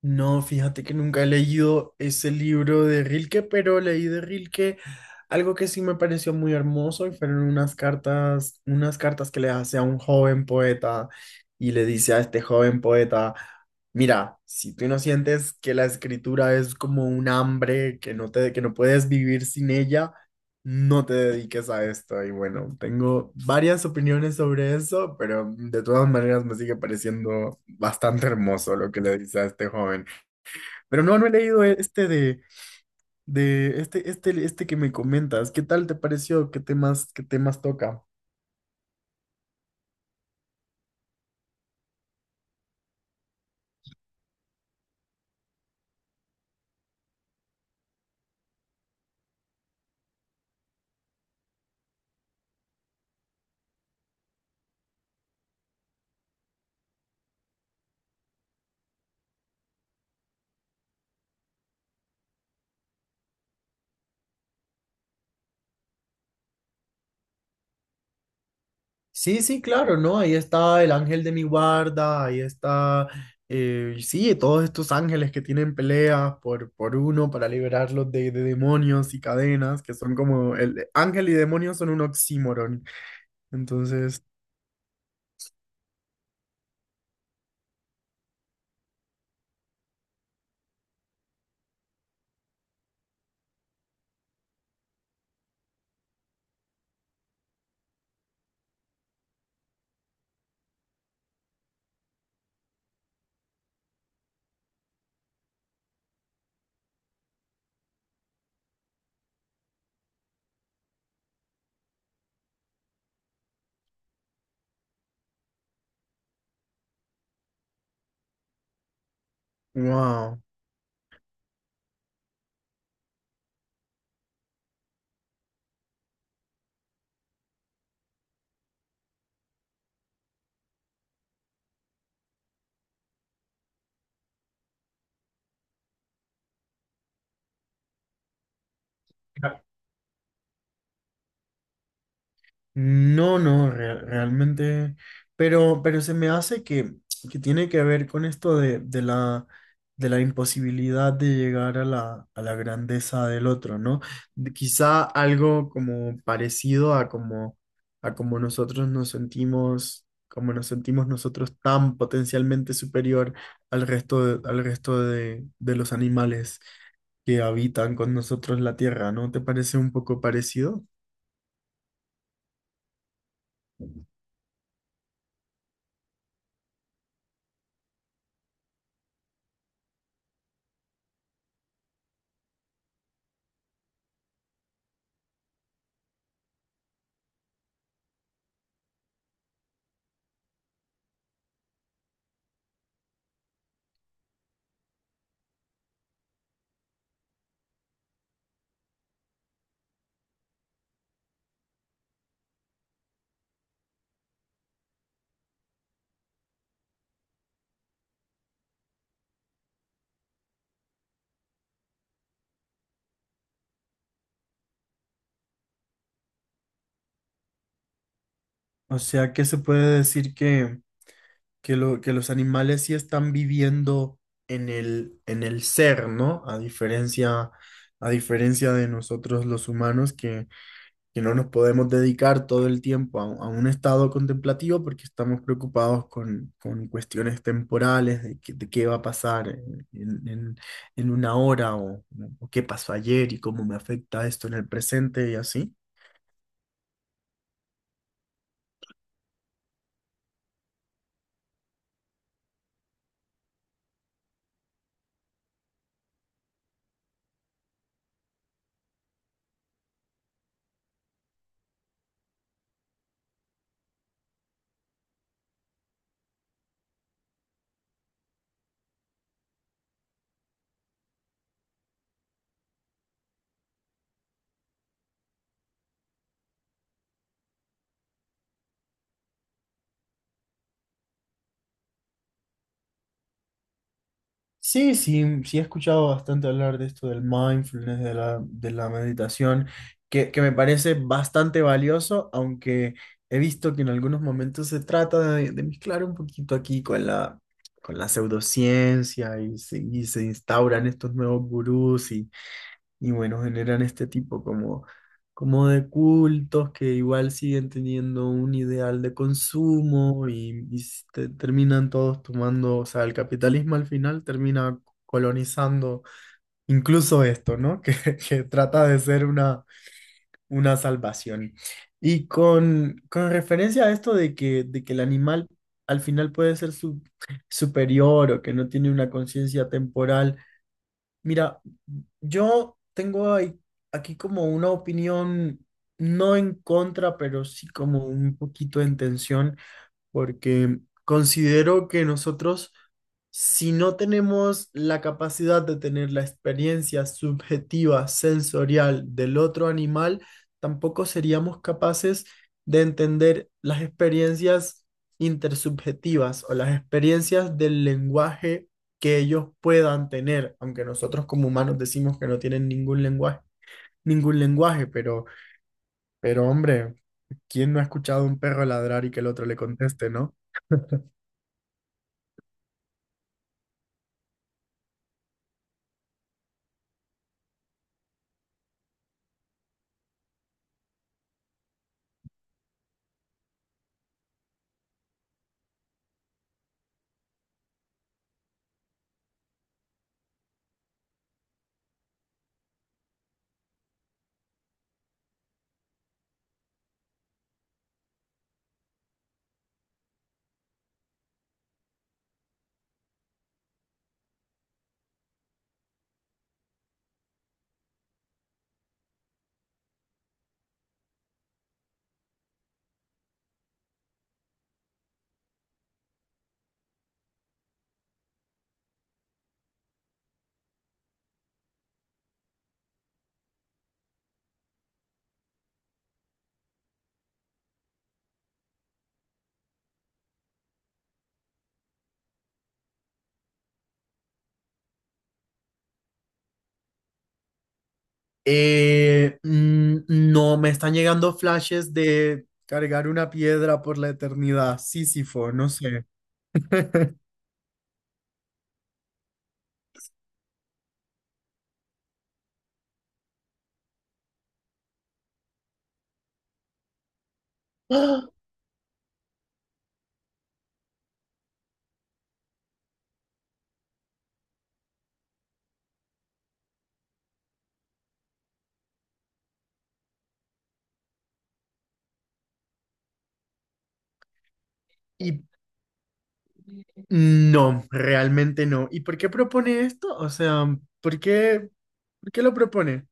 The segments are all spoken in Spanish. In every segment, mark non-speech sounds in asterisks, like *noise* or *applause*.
No, fíjate que nunca he leído ese libro de Rilke, pero leí de Rilke algo que sí me pareció muy hermoso y fueron unas cartas que le hace a un joven poeta y le dice a este joven poeta, mira, si tú no sientes que la escritura es como un hambre, que no puedes vivir sin ella, no te dediques a esto. Y bueno, tengo varias opiniones sobre eso, pero de todas maneras me sigue pareciendo bastante hermoso lo que le dice a este joven. Pero no, no he leído este que me comentas. ¿Qué tal te pareció? ¿Qué temas toca? Sí, sí, claro, ¿no? Ahí está el ángel de mi guarda, ahí está, sí, todos estos ángeles que tienen peleas por uno para liberarlos de demonios y cadenas, que son como el ángel y demonio son un oxímoron. Entonces, wow. No, realmente, pero se me hace que tiene que ver con esto de la imposibilidad de llegar a la grandeza del otro, ¿no? Quizá algo como a como nosotros nos sentimos, como nos sentimos nosotros tan potencialmente superior al resto de los animales que habitan con nosotros la tierra, ¿no? ¿Te parece un poco parecido? O sea que se puede decir que los animales sí están viviendo en el ser, ¿no? A diferencia de nosotros los humanos que no nos podemos dedicar todo el tiempo a un estado contemplativo porque estamos preocupados con cuestiones temporales de qué va a pasar en- en una hora o qué pasó ayer y cómo me afecta esto en el presente y así. Sí, sí, sí he escuchado bastante hablar de esto del mindfulness, de la meditación, que me parece bastante valioso, aunque he visto que en algunos momentos se trata de mezclar un poquito aquí con la pseudociencia y se instauran estos nuevos gurús y bueno, generan este tipo como, como de cultos que igual siguen teniendo un ideal de consumo y terminan todos tomando, o sea, el capitalismo al final termina colonizando incluso esto, ¿no? *laughs* Que trata de ser una salvación. Y con referencia a esto de que el animal al final puede ser superior o que no tiene una conciencia temporal. Mira, yo tengo ahí- aquí como una opinión no en contra, pero sí como un poquito en tensión porque considero que nosotros, si no tenemos la capacidad de tener la experiencia subjetiva, sensorial del otro animal, tampoco seríamos capaces de entender las experiencias intersubjetivas o las experiencias del lenguaje que ellos puedan tener, aunque nosotros como humanos decimos que no tienen ningún lenguaje, pero hombre, ¿quién no ha escuchado a un perro ladrar y que el otro le conteste, no? No, me están llegando flashes de cargar una piedra por la eternidad, Sísifo, no sé. *laughs* Y no, realmente no. ¿Y por qué propone esto? O sea, ¿por qué, por qué lo propone?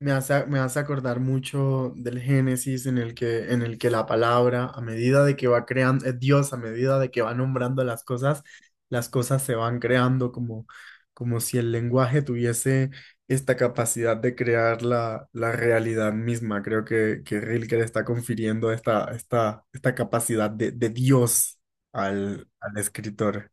Me hace acordar mucho del Génesis en el en el que la palabra, a medida de que va creando, Dios, a medida de que va nombrando las cosas se van creando como, como si el lenguaje tuviese esta capacidad de crear la, la realidad misma. Creo que Rilke le está confiriendo esta capacidad de Dios al escritor.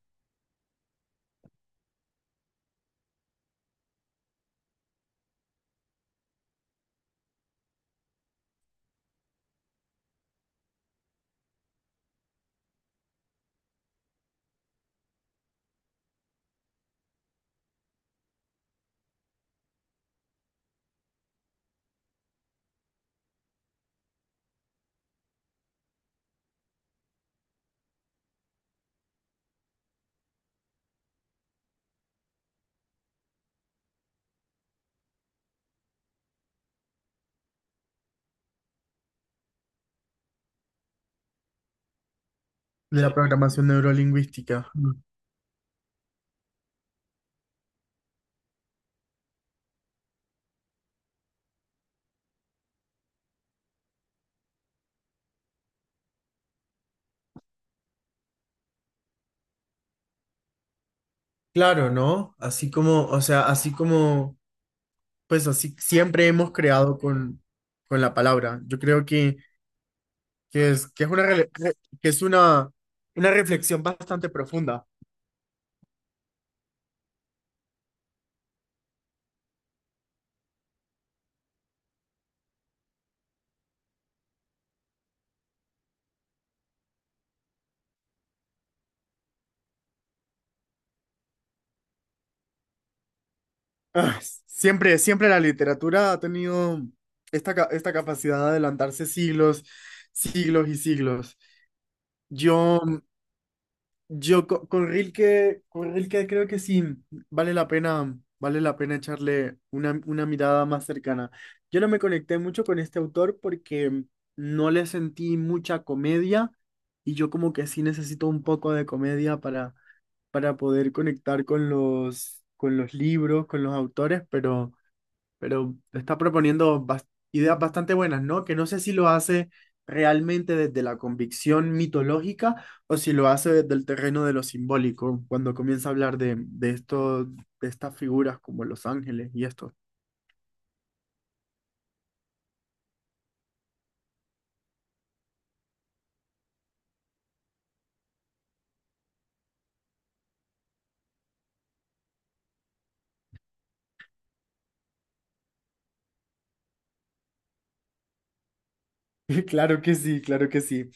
De la programación neurolingüística. Mm. Claro, ¿no? Así como, o sea, así como pues así siempre hemos creado con la palabra. Yo creo que es una una reflexión bastante profunda. Ah, siempre, siempre la literatura ha tenido esta capacidad de adelantarse siglos, siglos y siglos. Yo Yo co- con, Rilke, Con Rilke creo que sí, vale la pena echarle una mirada más cercana. Yo no me conecté mucho con este autor porque no le sentí mucha comedia y yo como que sí necesito un poco de comedia para poder conectar con los libros, con los autores, pero está proponiendo ideas bastante buenas, ¿no? Que no sé si lo hace realmente desde la convicción mitológica o si lo hace desde el terreno de lo simbólico, cuando comienza a hablar de esto, de estas figuras como los ángeles y esto. *laughs* Claro que sí, claro que sí.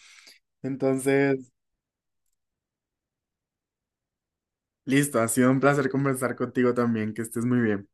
Entonces, listo, ha sido un placer conversar contigo también, que estés muy bien.